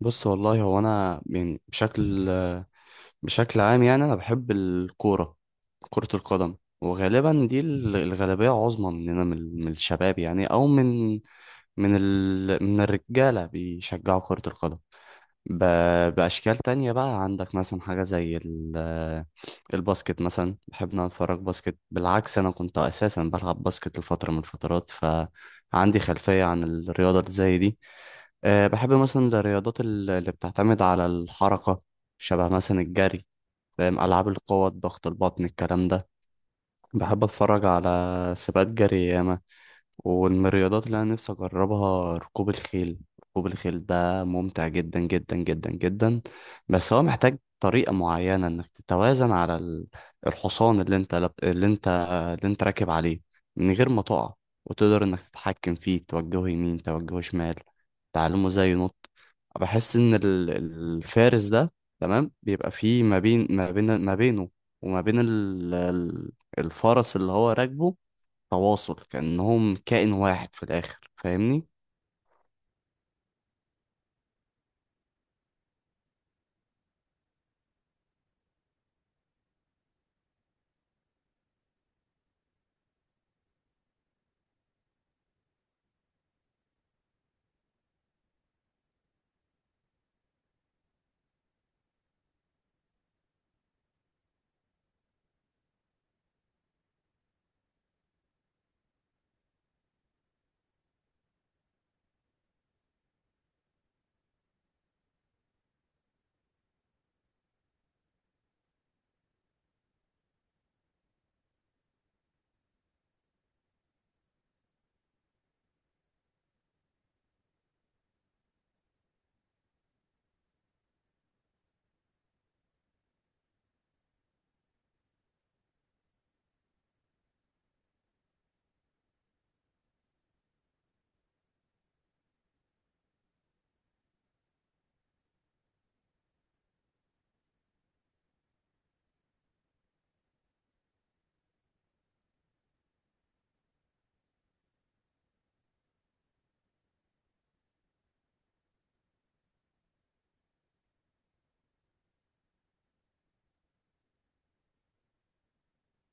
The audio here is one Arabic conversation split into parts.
بص، والله هو انا يعني بشكل عام، يعني انا بحب الكوره، كره القدم. وغالبا دي الغالبيه عظمى مننا، من الشباب، يعني او من من الرجاله بيشجعوا كره القدم ب... بأشكال تانية. بقى عندك مثلا حاجة زي الباسكت. مثلا بحب إن أنا أتفرج باسكت، بالعكس أنا كنت أساسا بلعب باسكت لفترة من الفترات، فعندي خلفية عن الرياضة اللي زي دي. أه بحب مثلا الرياضات اللي بتعتمد على الحركة، شبه مثلا الجري. فاهم، ألعاب القوة، الضغط، البطن، الكلام ده. بحب أتفرج على سباقات جري ياما. ومن الرياضات اللي انا نفسي اجربها ركوب الخيل. ركوب الخيل ده ممتع جدا جدا جدا جدا. بس هو محتاج طريقة معينة انك تتوازن على الحصان اللي انت اللي انت راكب عليه من غير ما تقع، وتقدر انك تتحكم فيه، توجهه يمين، توجهه شمال، تعلمه ازاي ينط. بحس ان الفارس ده تمام بيبقى فيه ما بينه وما بين الفرس اللي هو راكبه تواصل، كأنهم كائن واحد في الآخر، فاهمني؟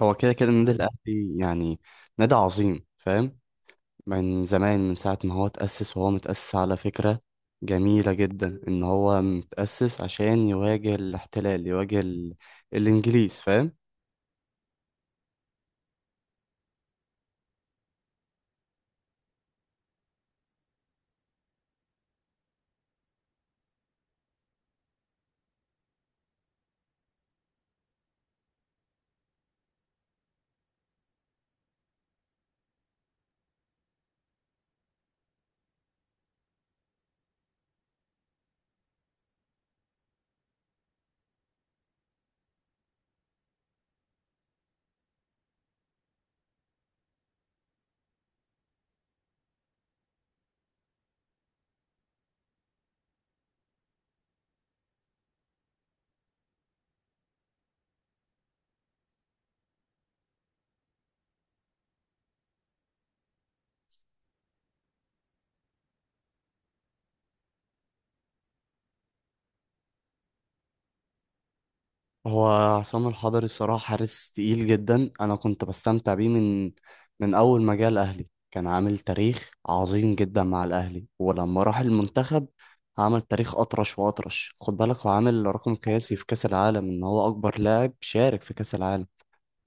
هو كده كده النادي الأهلي يعني نادي عظيم، فاهم؟ من زمان، من ساعة ما هو اتأسس. وهو متأسس على فكرة جميلة جدا، إن هو متأسس عشان يواجه الاحتلال، يواجه الإنجليز، فاهم؟ هو عصام الحضري الصراحة حارس تقيل جدا. أنا كنت بستمتع بيه من أول ما جه الأهلي. كان عامل تاريخ عظيم جدا مع الأهلي، ولما راح المنتخب عمل تاريخ أطرش وأطرش. خد بالك، هو عامل رقم قياسي في كأس العالم، إن هو أكبر لاعب شارك في كأس العالم،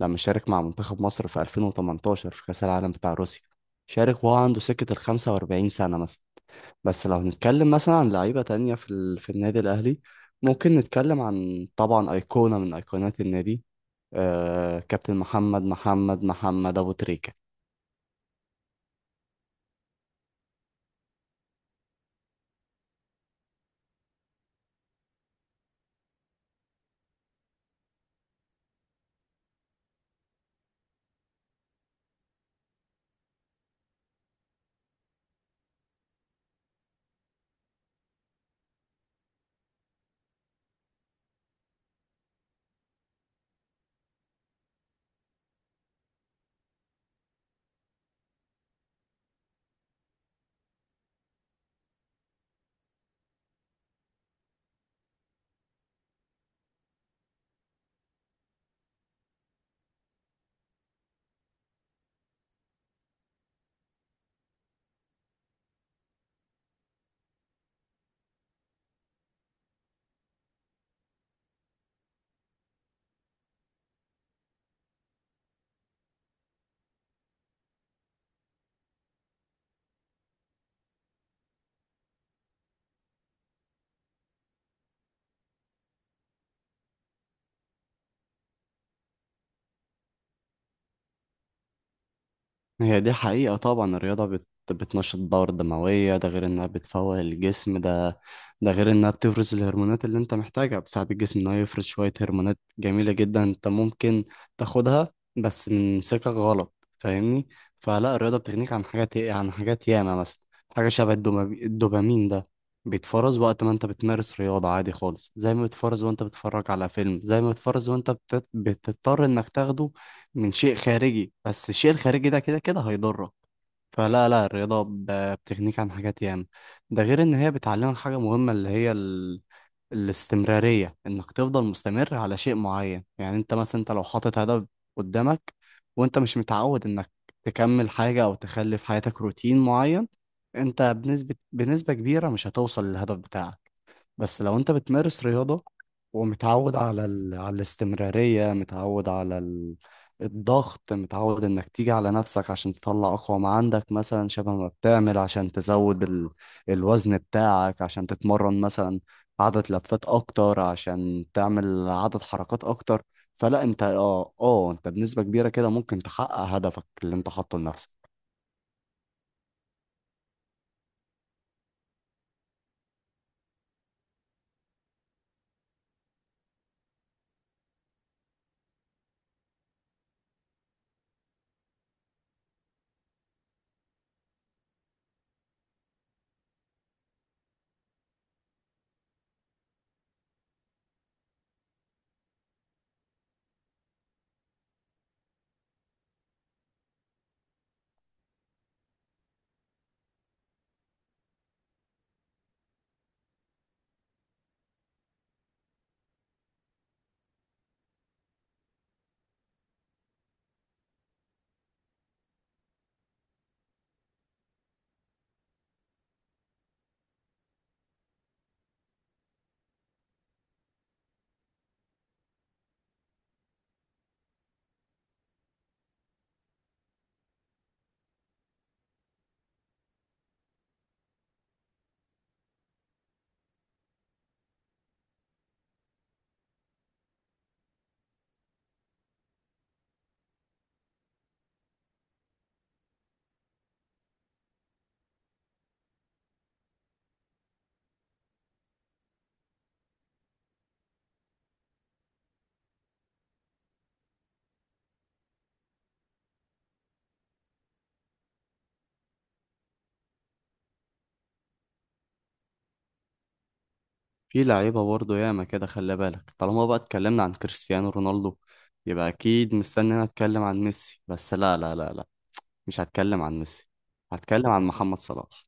لما شارك مع منتخب مصر في 2018 في كأس العالم بتاع روسيا، شارك وهو عنده سكة ال 45 سنة مثلا. بس لو نتكلم مثلا عن لعيبة تانية في في النادي الأهلي، ممكن نتكلم عن طبعا أيقونة من أيقونات النادي، كابتن محمد أبو تريكة. هي دي حقيقة، طبعا الرياضة بتنشط الدورة الدموية، ده غير انها بتفوق الجسم ده، ده غير انها بتفرز الهرمونات اللي انت محتاجها. بتساعد الجسم انه يفرز شوية هرمونات جميلة جدا، انت ممكن تاخدها بس من سكة غلط، فاهمني؟ فلا الرياضة بتغنيك عن حاجات، عن حاجات ياما. مثلا حاجة شبه الدوبامين ده بيتفرز وقت ما انت بتمارس رياضة عادي خالص، زي ما بيتفرز وانت بتتفرج على فيلم، زي ما بيتفرز وانت بتضطر انك تاخده من شيء خارجي، بس الشيء الخارجي ده كده كده هيضرك. فلا لا الرياضة بتغنيك عن حاجات ياما. ده غير إن هي بتعلمك حاجة مهمة، اللي هي الاستمرارية. إنك تفضل مستمر على شيء معين، يعني أنت مثلا أنت لو حاطط هدف قدامك، وأنت مش متعود إنك تكمل حاجة أو تخلي في حياتك روتين معين، أنت بنسبة كبيرة مش هتوصل للهدف بتاعك. بس لو انت بتمارس رياضة ومتعود على على الاستمرارية، متعود على الضغط، متعود انك تيجي على نفسك عشان تطلع اقوى ما عندك، مثلا شبه ما بتعمل عشان تزود الوزن بتاعك، عشان تتمرن مثلا عدد لفات اكتر، عشان تعمل عدد حركات اكتر، فلا انت انت بنسبة كبيرة كده ممكن تحقق هدفك اللي انت حاطه لنفسك. في لعيبة برضه ياما كده، خلي بالك، طالما بقى اتكلمنا عن كريستيانو رونالدو، يبقى أكيد مستني أنا أتكلم عن ميسي. بس لا لا لا لا مش هتكلم عن ميسي، هتكلم عن محمد صلاح.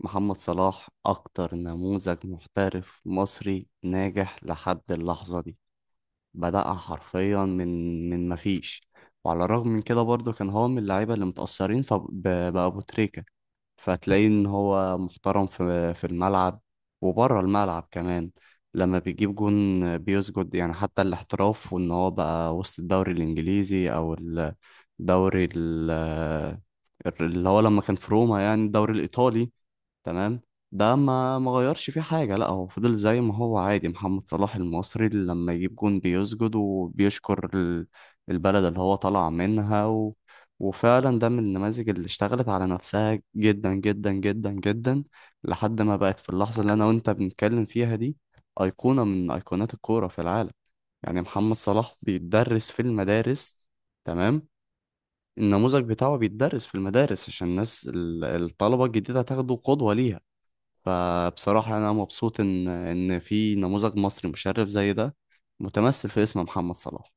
محمد صلاح أكتر نموذج محترف مصري ناجح لحد اللحظة دي. بدأها حرفيا من مفيش. وعلى الرغم من كده برضه كان هو من اللعيبة اللي متأثرين فبأبو تريكة. فتلاقيه ان هو محترم في الملعب وبره الملعب كمان. لما بيجيب جون بيسجد، يعني حتى الاحتراف، وان هو بقى وسط الدوري الانجليزي او ال دوري ال اللي هو لما كان في روما، يعني الدوري الإيطالي، تمام، ده ما غيرش فيه حاجة. لا هو فضل زي ما هو عادي، محمد صلاح المصري اللي لما يجيب جون بيسجد وبيشكر البلد اللي هو طلع منها وفعلا ده من النماذج اللي اشتغلت على نفسها جدا جدا جدا جدا، لحد ما بقت في اللحظة اللي أنا وأنت بنتكلم فيها دي أيقونة من أيقونات الكورة في العالم. يعني محمد صلاح بيتدرس في المدارس، تمام، النموذج بتاعه بيتدرس في المدارس عشان الناس الطلبة الجديدة هتاخده قدوة ليها. فبصراحة أنا مبسوط إن في نموذج مصري مشرف زي ده متمثل في اسم محمد صلاح.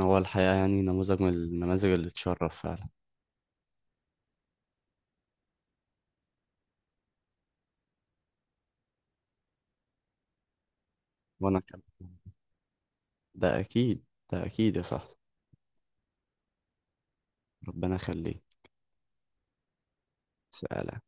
هو الحقيقة يعني نموذج من النماذج اللي تشرف فعلا. وأنا كمان، ده أكيد، ده أكيد يا صاحبي. ربنا يخليك. سلام.